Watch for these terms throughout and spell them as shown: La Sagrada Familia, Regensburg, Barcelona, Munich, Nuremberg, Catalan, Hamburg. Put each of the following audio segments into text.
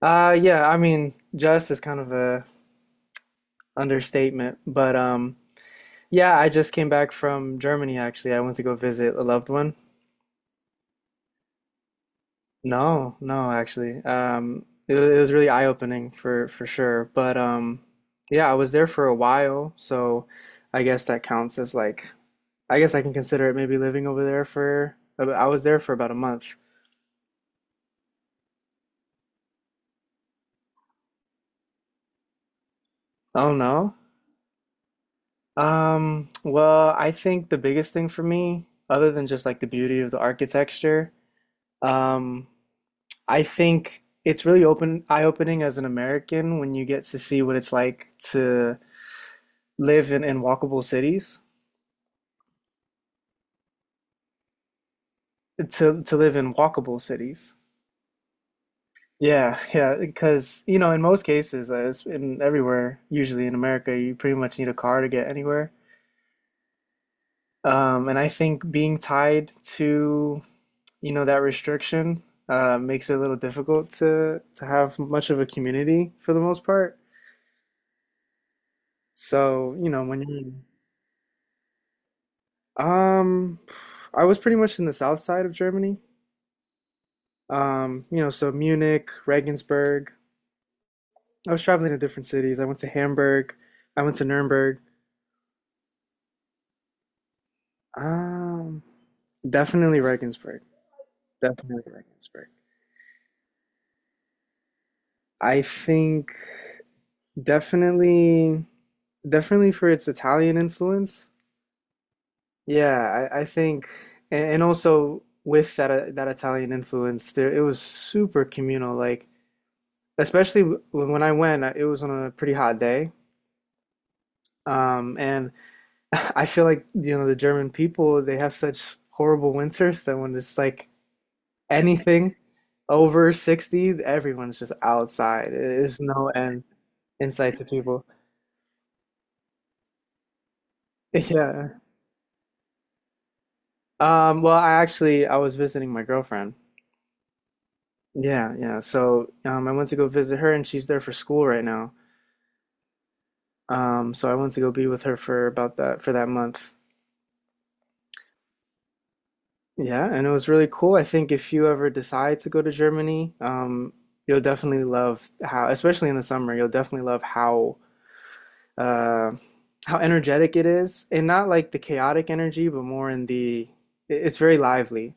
Yeah, I mean, just is kind of a understatement, but yeah, I just came back from Germany actually. I went to go visit a loved one. No, no, actually. It was really eye-opening for sure. But yeah, I was there for a while, so I guess that counts as like I guess I can consider it maybe living over there for I was there for about a month. Oh no. Well, I think the biggest thing for me, other than just like the beauty of the architecture, um, I think it's really open eye-opening as an American when you get to see what it's like to live in walkable cities, to live in walkable cities. Yeah, yeah, because you know, in most cases, in everywhere, usually in America, you pretty much need a car to get anywhere. And I think being tied to, you know, that restriction makes it a little difficult to have much of a community for the most part. So, you know, when you're Um, I was pretty much in the south side of Germany. You know, so Munich, Regensburg. I was traveling to different cities. I went to Hamburg. I went to Nuremberg. Um, Definitely Regensburg. Definitely Regensburg. I think definitely, definitely for its Italian influence. Yeah, I think, and also with that Italian influence, there it was super communal. Like, especially when I went, it was on a pretty hot day. And I feel like, you know, the German people, they have such horrible winters that when it's like anything over 60, everyone's just outside. There's no end in sight to people. Yeah. Well, I actually I was visiting my girlfriend. Yeah, yeah. So I went to go visit her, and she's there for school right now. So I went to go be with her for about that for that month. Yeah, and it was really cool. I think if you ever decide to go to Germany, you'll definitely love how, especially in the summer, you'll definitely love uh, how energetic it is, and not like the chaotic energy, but more in the it's very lively.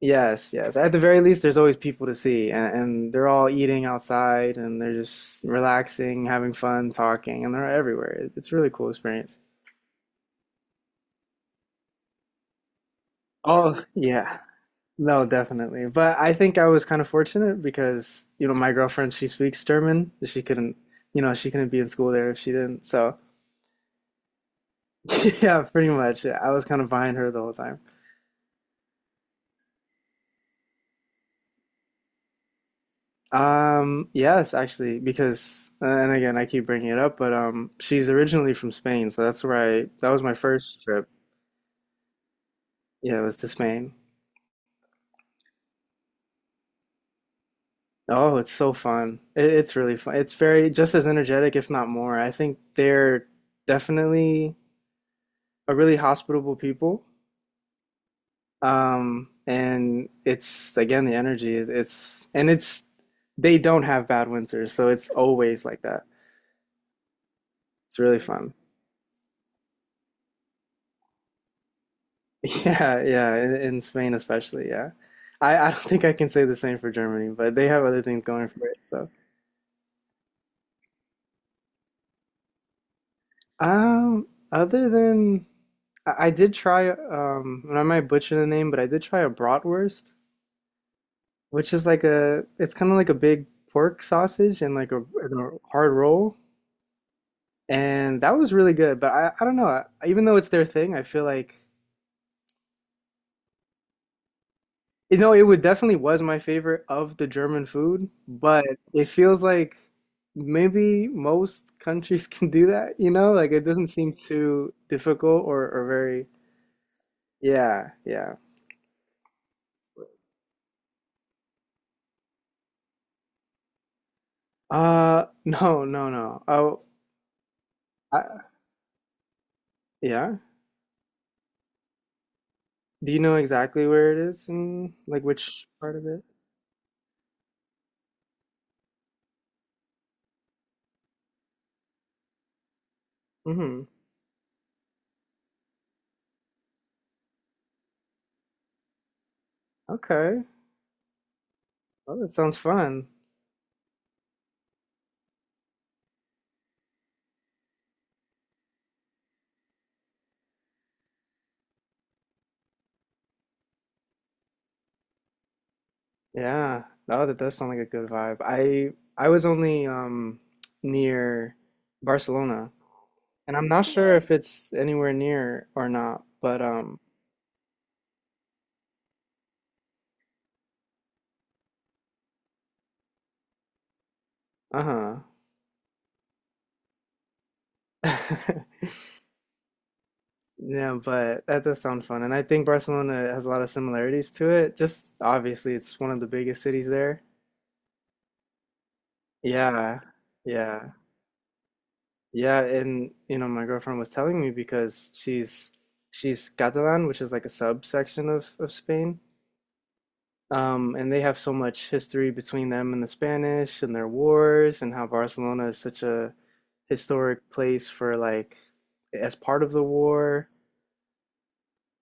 Yes, yes. At the very least, there's always people to see, and they're all eating outside, and they're just relaxing, having fun, talking, and they're everywhere. It's a really cool experience. Oh, yeah. No, definitely. But I think I was kind of fortunate because, you know, my girlfriend, she speaks German. She couldn't be in school there if she didn't. So, yeah, pretty much. I was kind of behind her the whole time. Yes, actually, because, and again, I keep bringing it up, but she's originally from Spain, so that's where that was my first trip. Yeah, it was to Spain. Oh, it's so fun. It's really fun. It's very, just as energetic, if not more. I think they're definitely a really hospitable people. And it's again the energy. It's, and it's, they don't have bad winters, so it's always like that. It's really fun. Yeah, yeah, in Spain especially, yeah. I don't think I can say the same for Germany, but they have other things going for it, so. Um, Other than I did try and I might butcher the name, but I did try a bratwurst, which is like a it's kind of like a big pork sausage and and a hard roll. And that was really good, but I don't know. Even though it's their thing, I feel like you know it would definitely was my favorite of the German food, but it feels like maybe most countries can do that, you know? Like it doesn't seem too difficult or very yeah, yeah. No, no, no. Oh, I, yeah. Do you know exactly where it is and like which part of it? Mm-hmm. Okay. Well, that sounds fun. Yeah. Oh, that does sound like a good vibe. I was only near Barcelona, and I'm not sure, yeah, if it's anywhere near or not, but uh-huh. Yeah, but that does sound fun. And I think Barcelona has a lot of similarities to it. Just obviously it's one of the biggest cities there. Yeah. Yeah. Yeah, and you know, my girlfriend was telling me because she's Catalan, which is like a subsection of Spain. And they have so much history between them and the Spanish and their wars, and how Barcelona is such a historic place for like as part of the war.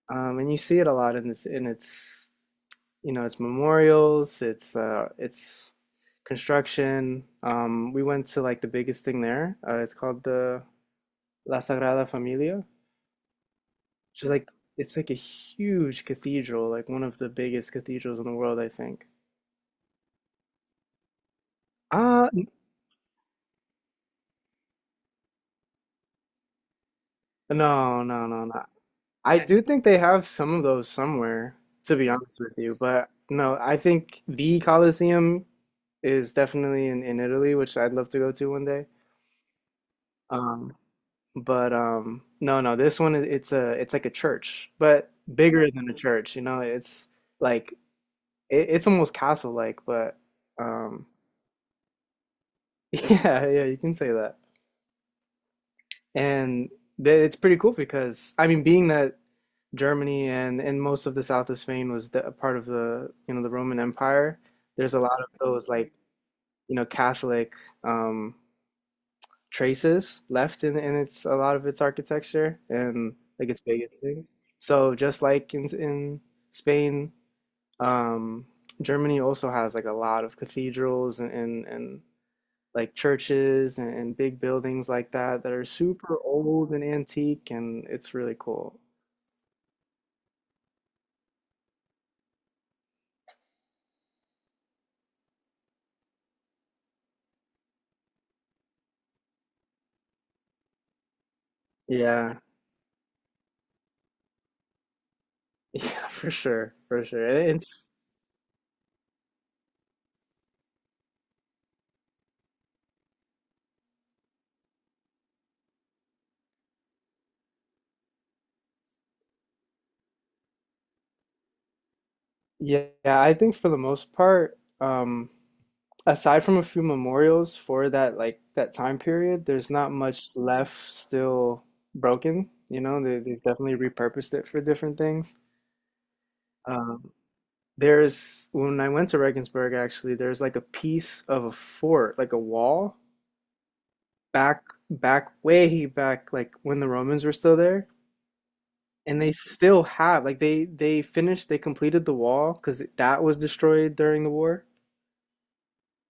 And you see it a lot in this in its you know its memorials, its construction. We went to like the biggest thing there. It's called the La Sagrada Familia, which is like a huge cathedral, like one of the biggest cathedrals in the world, I think. Ah no, no, no, no. I do think they have some of those somewhere, to be honest with you. But no, I think the Colosseum is definitely in Italy, which I'd love to go to one day. Um, but no, no, this one is it's a it's like a church, but bigger than a church. You know, like it's almost castle-like, but um, yeah, yeah, you can say that. And it's pretty cool because I mean, being that Germany and most of the south of Spain was a part of the you know the Roman Empire, there's a lot of those like you know Catholic um, traces left in its a lot of its architecture and like its biggest things. So just like in Spain, um, Germany also has like a lot of cathedrals and like churches and big buildings like that that are super old and antique, and it's really cool. Yeah, yeah, for sure, for sure. And yeah, I think for the most part, aside from a few memorials for that like that time period, there's not much left still broken. You know, they've definitely repurposed it for different things. Um, there's when I went to Regensburg, actually, there's like a piece of a fort, like a wall back back way back like when the Romans were still there, and they still have like they completed the wall because that was destroyed during the war,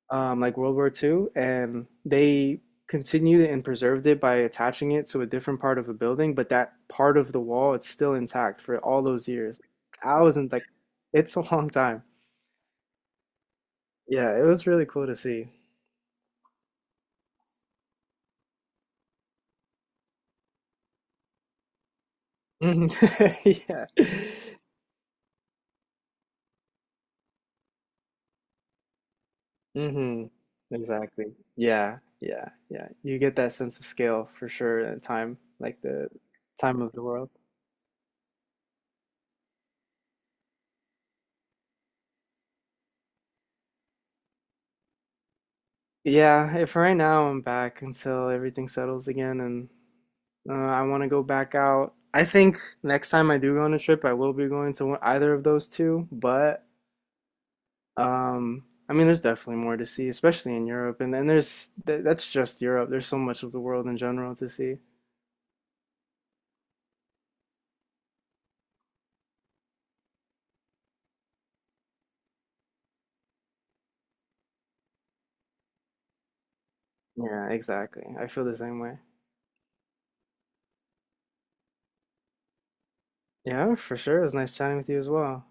like World War II, and they continued and preserved it by attaching it to a different part of a building, but that part of the wall, it's still intact for all those years, thousands, like, it's a long time. Yeah, it was really cool to see. Yeah. Hmm. Exactly. Yeah, yeah, yeah. You get that sense of scale for sure and time, like the time of the world. Yeah, if right now I'm back until everything settles again, and I want to go back out. I think next time I do go on a trip, I will be going to one, either of those two, but um I mean there's definitely more to see, especially in Europe, and then there's th that's just Europe. There's so much of the world in general to see. Yeah, exactly. I feel the same way. Yeah, for sure. It was nice chatting with you as well.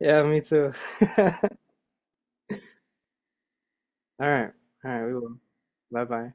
Yeah, me too. All right. All right, we will. Bye bye.